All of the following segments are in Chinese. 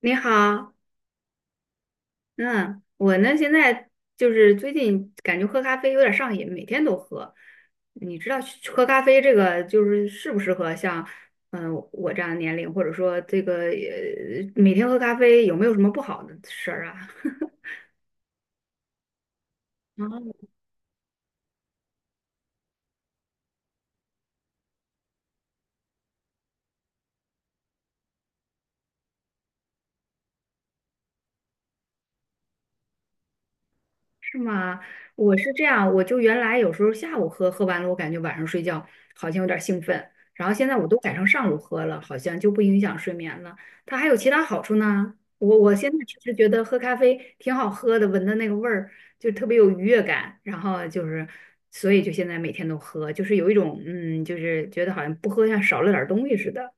你好，嗯，我呢现在就是最近感觉喝咖啡有点上瘾，每天都喝。你知道去喝咖啡这个就是适不适合像我这样的年龄，或者说这个每天喝咖啡有没有什么不好的事儿啊？是吗？我是这样，我就原来有时候下午喝，喝完了我感觉晚上睡觉好像有点兴奋，然后现在我都改成上午喝了，好像就不影响睡眠了。它还有其他好处呢。我现在只是觉得喝咖啡挺好喝的，闻的那个味儿就特别有愉悦感，然后就是所以就现在每天都喝，就是有一种就是觉得好像不喝像少了点儿东西似的。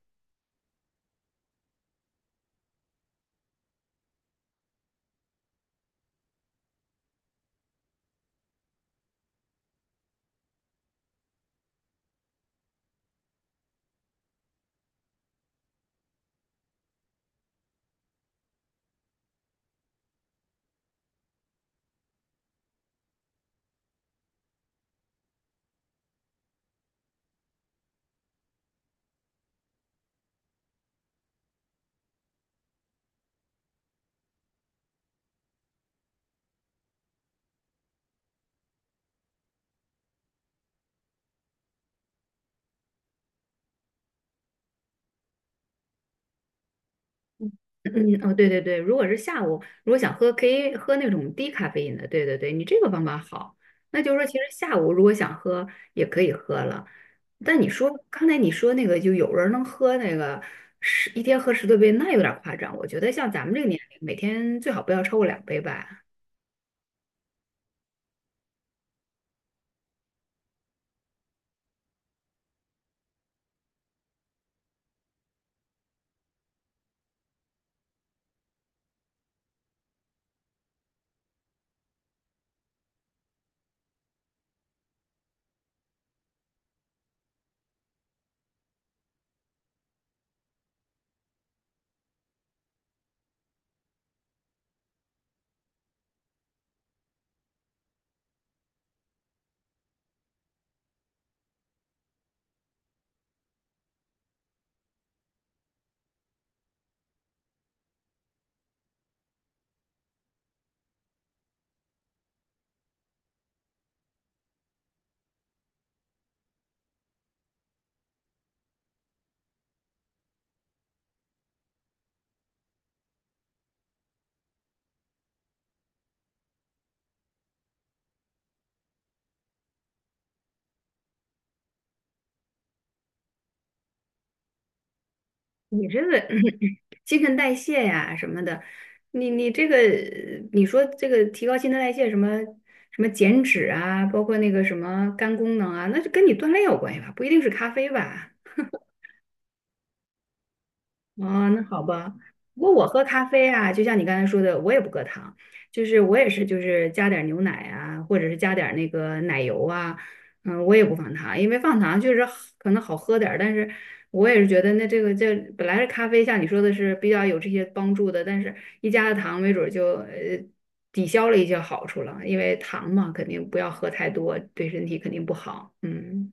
嗯，哦，对对对，如果是下午，如果想喝，可以喝那种低咖啡因的。对对对，你这个方法好。那就是说，其实下午如果想喝，也可以喝了。但你说刚才你说那个，就有人能喝那个十一天喝十多杯，那有点夸张。我觉得像咱们这个年龄，每天最好不要超过两杯吧。你这个新陈代谢呀什么的，你这个你说这个提高新陈代谢什么什么减脂啊，包括那个什么肝功能啊，那就跟你锻炼有关系吧，不一定是咖啡吧。哦，那好吧。不过我喝咖啡啊，就像你刚才说的，我也不搁糖，就是我也是就是加点儿牛奶啊，或者是加点儿那个奶油啊，我也不放糖，因为放糖就是好可能好喝点儿但是我也是觉得那这个这本来是咖啡，像你说的是比较有这些帮助的，但是一加了糖，没准儿就抵消了一些好处了，因为糖嘛，肯定不要喝太多，对身体肯定不好，嗯。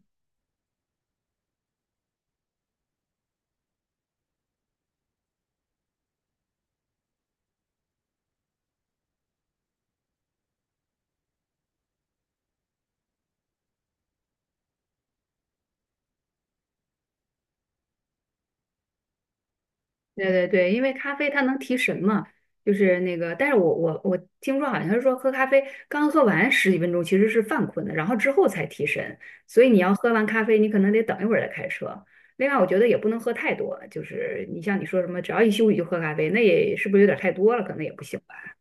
对对对，因为咖啡它能提神嘛，就是那个，但是我听说好像是说喝咖啡刚喝完十几分钟其实是犯困的，然后之后才提神，所以你要喝完咖啡，你可能得等一会儿再开车。另外，我觉得也不能喝太多，就是你像你说什么，只要一休息就喝咖啡，那也是不是有点太多了？可能也不行吧。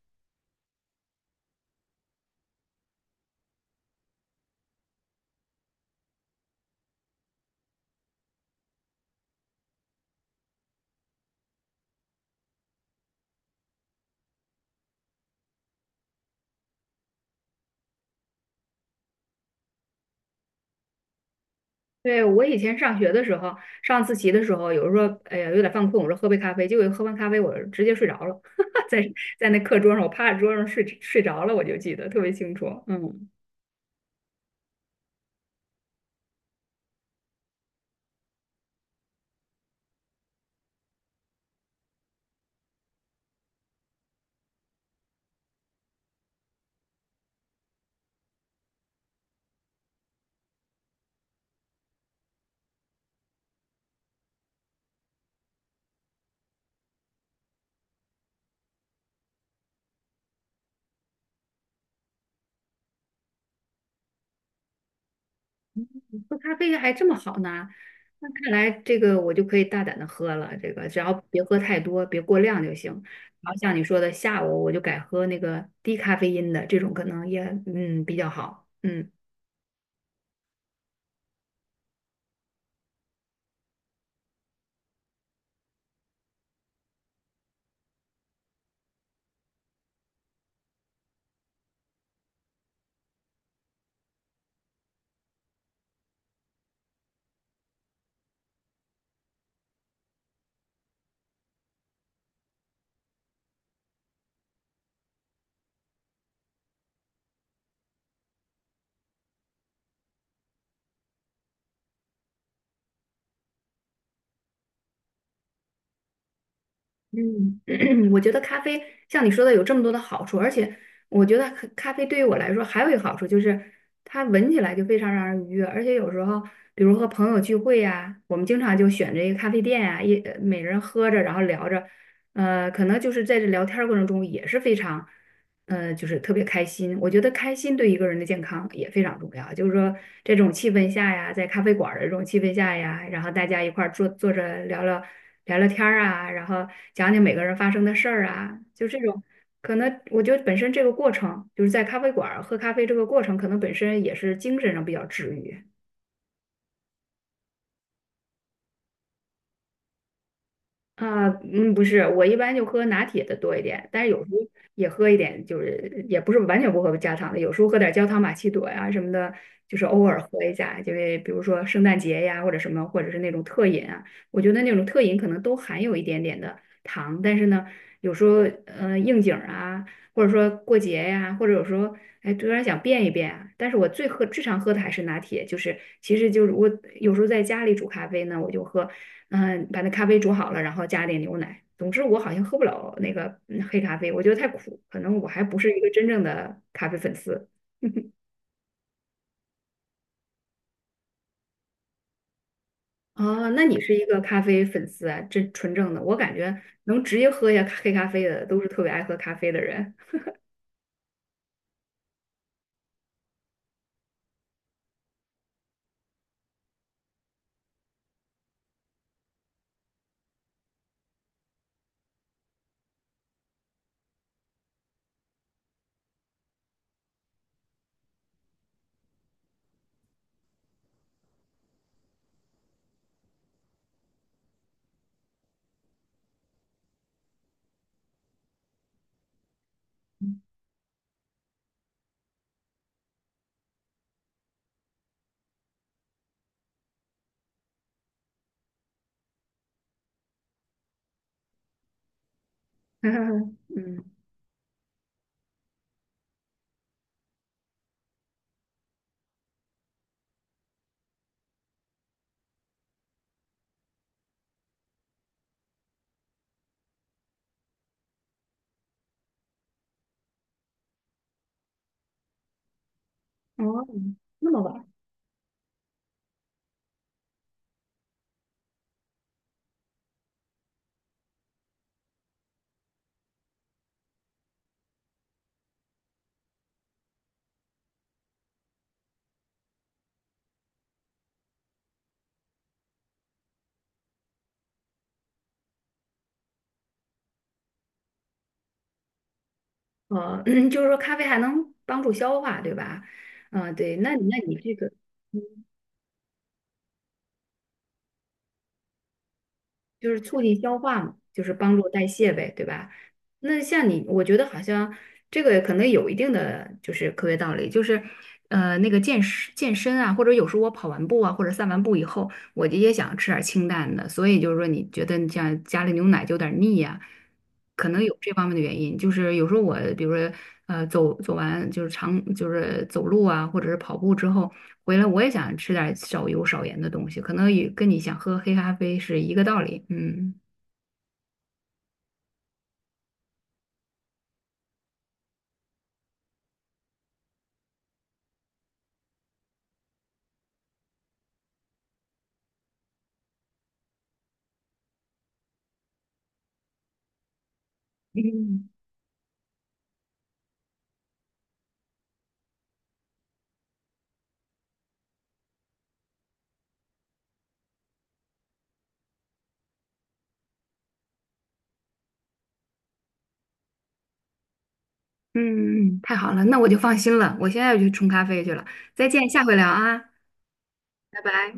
对，我以前上学的时候，上自习的时候，有时候哎呀有点犯困，我说喝杯咖啡，结果喝完咖啡我直接睡着了，在在那课桌上，我趴在桌上睡着了，我就记得特别清楚，嗯。喝咖啡还这么好呢？那看来这个我就可以大胆的喝了，这个只要别喝太多，别过量就行。然后像你说的，下午我就改喝那个低咖啡因的，这种可能也比较好。嗯。嗯，我觉得咖啡像你说的有这么多的好处，而且我觉得咖啡对于我来说还有一个好处就是它闻起来就非常让人愉悦，而且有时候比如和朋友聚会呀、我们经常就选着一个咖啡店呀、每人喝着然后聊着，可能就是在这聊天儿过程中也是非常就是特别开心。我觉得开心对一个人的健康也非常重要。就是说，这种气氛下呀，在咖啡馆儿的这种气氛下呀，然后大家一块儿坐着聊聊天儿啊，然后讲讲每个人发生的事儿啊，就这种。可能我觉得本身这个过程，就是在咖啡馆儿喝咖啡这个过程，可能本身也是精神上比较治愈。啊，嗯，不是，我一般就喝拿铁的多一点，但是有时候也喝一点，就是也不是完全不喝加糖的，有时候喝点焦糖玛奇朵呀什么的，就是偶尔喝一下，就是比如说圣诞节呀或者什么，或者是那种特饮啊，我觉得那种特饮可能都含有一点点的糖，但是呢，有时候应景儿啊，或者说过节呀，或者有时候哎突然想变一变啊，但是我最常喝的还是拿铁，就是其实就是我有时候在家里煮咖啡呢，我就喝。把那咖啡煮好了，然后加点牛奶。总之，我好像喝不了那个黑咖啡，我觉得太苦，可能我还不是一个真正的咖啡粉丝。哦，那你是一个咖啡粉丝啊，这纯正的。我感觉能直接喝下黑咖啡的，都是特别爱喝咖啡的人。嗯，哦，那么晚。哦，就是说咖啡还能帮助消化，对吧？嗯，对，那你这个。就是促进消化嘛，就是帮助代谢呗，对吧？那像你，我觉得好像这个可能有一定的就是科学道理，就是那个健身健身啊，或者有时候我跑完步啊，或者散完步以后，我就也想吃点儿清淡的，所以就是说你觉得你像加了牛奶就有点腻呀、可能有这方面的原因，就是有时候我，比如说，走完就是长就是走路啊，或者是跑步之后回来，我也想吃点少油少盐的东西，可能也跟你想喝黑咖啡是一个道理。嗯嗯，太好了，那我就放心了，我现在就去冲咖啡去了。再见，下回聊啊，拜拜。